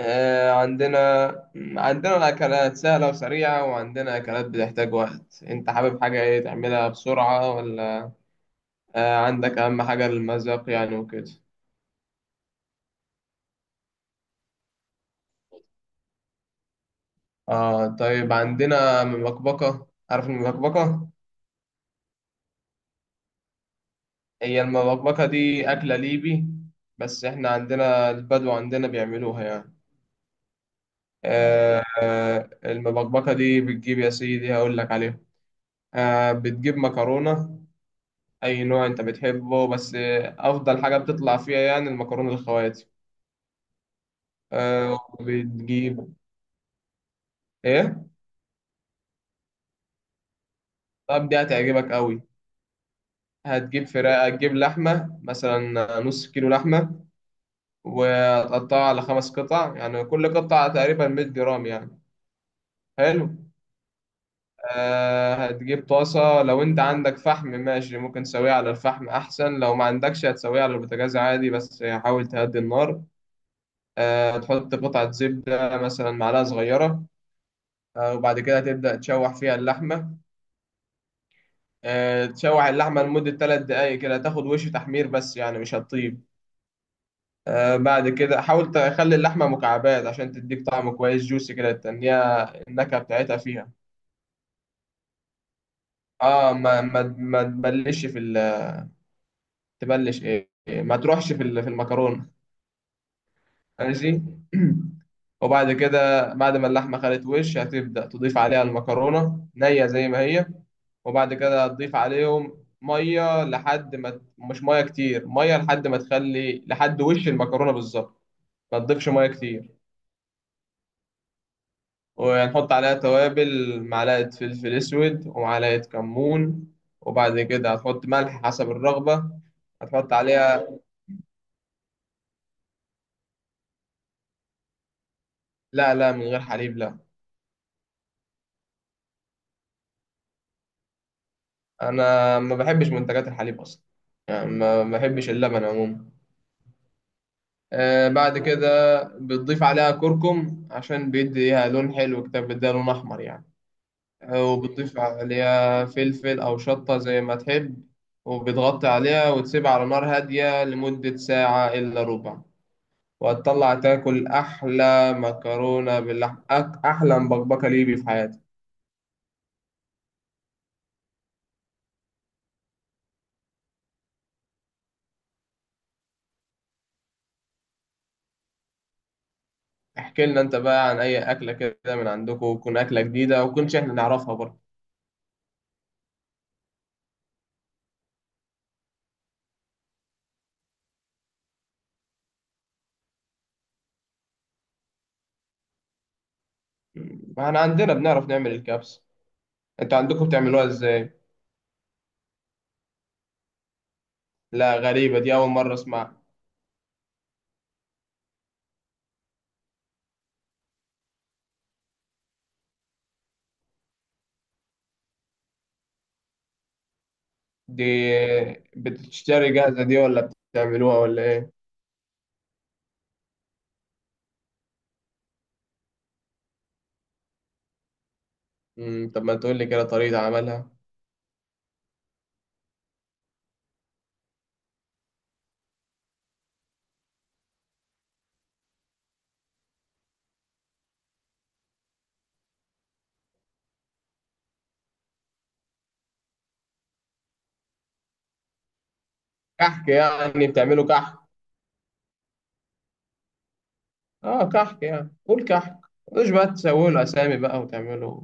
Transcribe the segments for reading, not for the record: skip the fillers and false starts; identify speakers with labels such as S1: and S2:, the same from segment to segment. S1: آه، عندنا عندنا الأكلات سهلة وسريعة، وعندنا أكلات بتحتاج وقت. أنت حابب حاجة إيه؟ تعملها بسرعة ولا؟ عندك أهم حاجة المذاق يعني وكده. طيب، عندنا مبكبكة. عارف المبكبكة؟ هي المبكبكة دي أكلة ليبي، بس إحنا عندنا البدو عندنا بيعملوها يعني. المبكبكة دي بتجيب يا سيدي هقول لك عليها. بتجيب مكرونة، أي نوع أنت بتحبه، بس أفضل حاجة بتطلع فيها يعني المكرونة الخواتي. بتجيب، إيه؟ طب دي هتعجبك أوي. هتجيب فراخ، هتجيب لحمة مثلا، نص كيلو لحمة، وتقطعها على خمس قطع، يعني كل قطعة تقريبا 100 جرام يعني. حلو. هتجيب طاسة، لو أنت عندك فحم ماشي ممكن تسويها على الفحم أحسن، لو ما عندكش هتسويها على البوتاجاز عادي، بس حاول تهدي النار. تحط قطعة زبدة مثلا، معلقة صغيرة. وبعد كده تبدأ تشوح فيها اللحمة. تشوح اللحمة لمدة ثلاث دقايق كده، تاخد وش تحمير بس يعني مش هتطيب. بعد كده حاول تخلي اللحمة مكعبات عشان تديك طعم كويس جوسي كده، تنيها النكهة بتاعتها فيها. اه ما تبلش تبلش ايه، ما تروحش في المكرونة. ماشي. وبعد كده بعد ما اللحمة خدت وش، هتبدأ تضيف عليها المكرونة نية زي ما هي. وبعد كده هتضيف عليهم مية لحد ما مش مية كتير، مية لحد ما تخلي لحد وش المكرونة بالظبط. ما تضيفش مية كتير. وهنحط عليها توابل، معلقة فلفل أسود ومعلقة كمون. وبعد كده هتحط ملح حسب الرغبة. هتحط عليها. لا لا، من غير حليب، لا. انا ما بحبش منتجات الحليب اصلا. يعني ما بحبش اللبن عموما. بعد كده بتضيف عليها كركم عشان بيديها لون حلو كده، بيديها لون احمر يعني. وبتضيف عليها فلفل او شطة زي ما تحب. وبتغطي عليها وتسيبها على نار هادية لمدة ساعة إلا ربع. وهتطلع تاكل أحلى مكرونة باللحمة، أحلى مبكبكة ليبي في حياتك. احكي لنا أنت بقى عن أي أكلة كده من عندكم، وتكون أكلة جديدة وكنش إحنا نعرفها برضه. مم. احنا عندنا بنعرف نعمل الكبسة. انت عندكم بتعملوها ازاي؟ لا، غريبة دي، اول مرة اسمعها. دي بتشتري جاهزة دي ولا بتعملوها ولا ايه؟ مم. طب ما تقول لي كده طريقة عملها. كحك يعني؟ بتعملوا كحك. اه كحك، يعني قول كحك، مش بقى تسوي له اسامي بقى وتعملوا،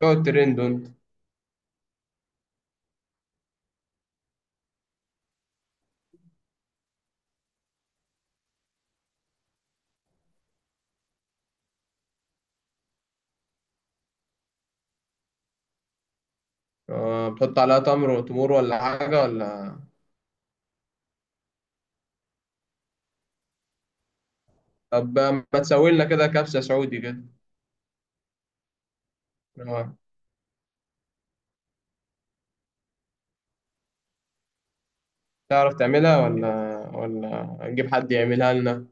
S1: تقعد ترند انت. بتحط عليها تمر وتمور ولا حاجة ولا؟ طب ما تسوي لنا كده كبسة سعودي كده. آه. تعرف تعملها ولا، ولا نجيب حد يعملها لنا؟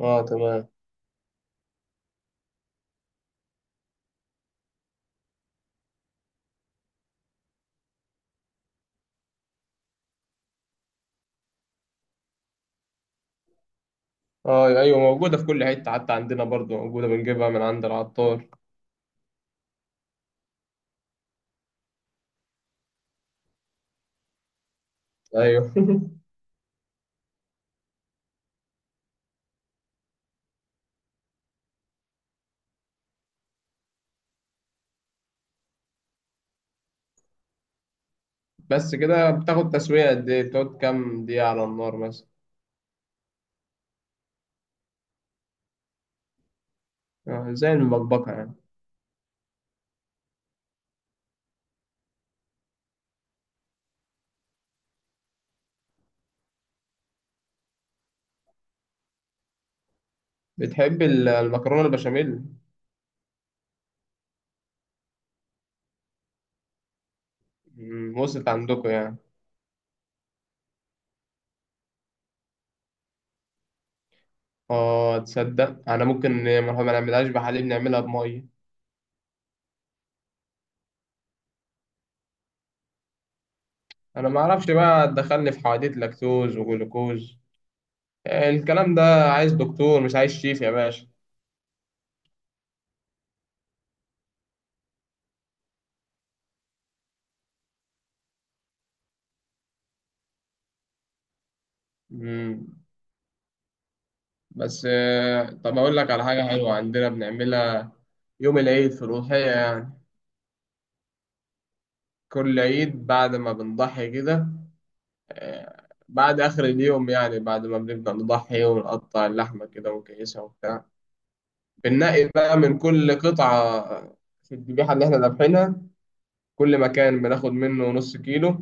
S1: اه تمام. اه ايوه، موجوده في كل حته، حتى عندنا برضو موجوده، بنجيبها من عند العطار. ايوه بس كده بتاخد تسويه قد ايه؟ بتقعد كام دقيقه على النار مثلا؟ زي المبكبكه يعني. بتحب المكرونه البشاميل؟ مم، وصلت عندكم يعني. اه تصدق، انا ممكن ما نعملهاش بحليب، نعملها بميه. انا ما اعرفش بقى، دخلني في حواديت لاكتوز وجلوكوز، الكلام ده. عايز دكتور مش عايز شيف يا باشا. مم. بس طب أقول لك على حاجة حلوة عندنا بنعملها يوم العيد في الأضحية يعني. كل عيد بعد ما بنضحي كده، بعد آخر اليوم يعني، بعد ما بنبدأ نضحي ونقطع اللحمة كده ونكيسها وبتاع، بننقي بقى من كل قطعة في الذبيحة اللي إحنا ذابحينها، كل مكان بناخد منه نص كيلو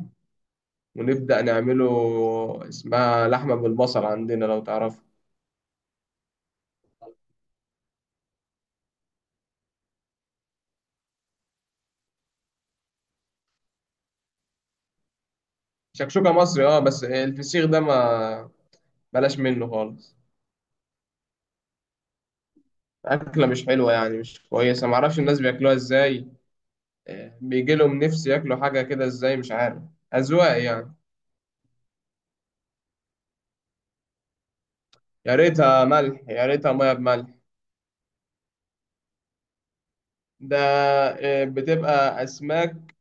S1: ونبدأ نعمله. اسمها لحمة بالبصل عندنا لو تعرف. شكشوكة مصري اه، بس الفسيخ ده ما، بلاش منه خالص. أكلة مش حلوة يعني، مش كويسة، معرفش الناس بياكلوها إزاي. بيجي لهم نفس ياكلوا حاجة كده إزاي مش عارف. أذواق يعني. يا ريتها ملح، يا ريتها مية بملح. ده بتبقى أسماك،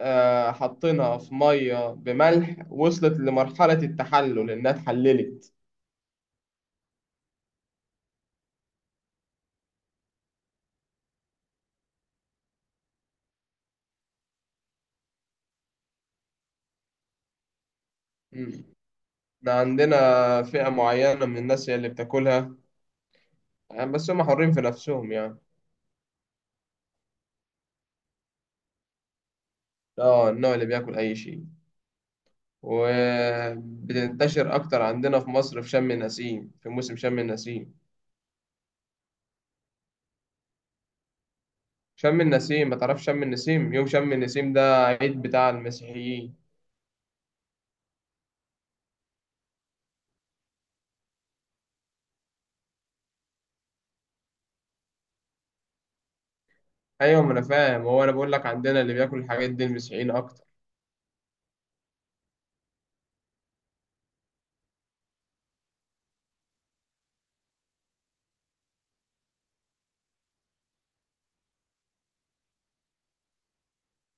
S1: حاطينها في مية بملح وصلت لمرحلة التحلل، إنها اتحللت. مم. إحنا عندنا فئة معينة من الناس هي اللي بتاكلها، بس هم حرين في نفسهم يعني. اه النوع اللي بياكل أي شيء. وبتنتشر أكتر عندنا في مصر في شم النسيم، في موسم شم النسيم. شم النسيم ما تعرفش شم النسيم؟ يوم شم النسيم ده عيد بتاع المسيحيين. أيوة ما أنا فاهم، هو أنا بقول لك عندنا اللي بياكل الحاجات دي المسيحيين أكتر.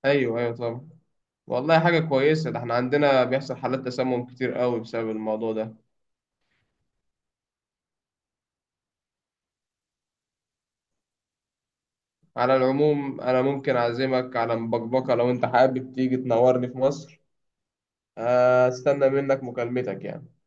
S1: أيوة أيوة طبعا. والله حاجة كويسة ده، احنا عندنا بيحصل حالات تسمم كتير قوي بسبب الموضوع ده. على العموم أنا ممكن أعزمك على مبكبكة لو أنت حابب تيجي تنورني في مصر. أستنى منك مكالمتك يعني.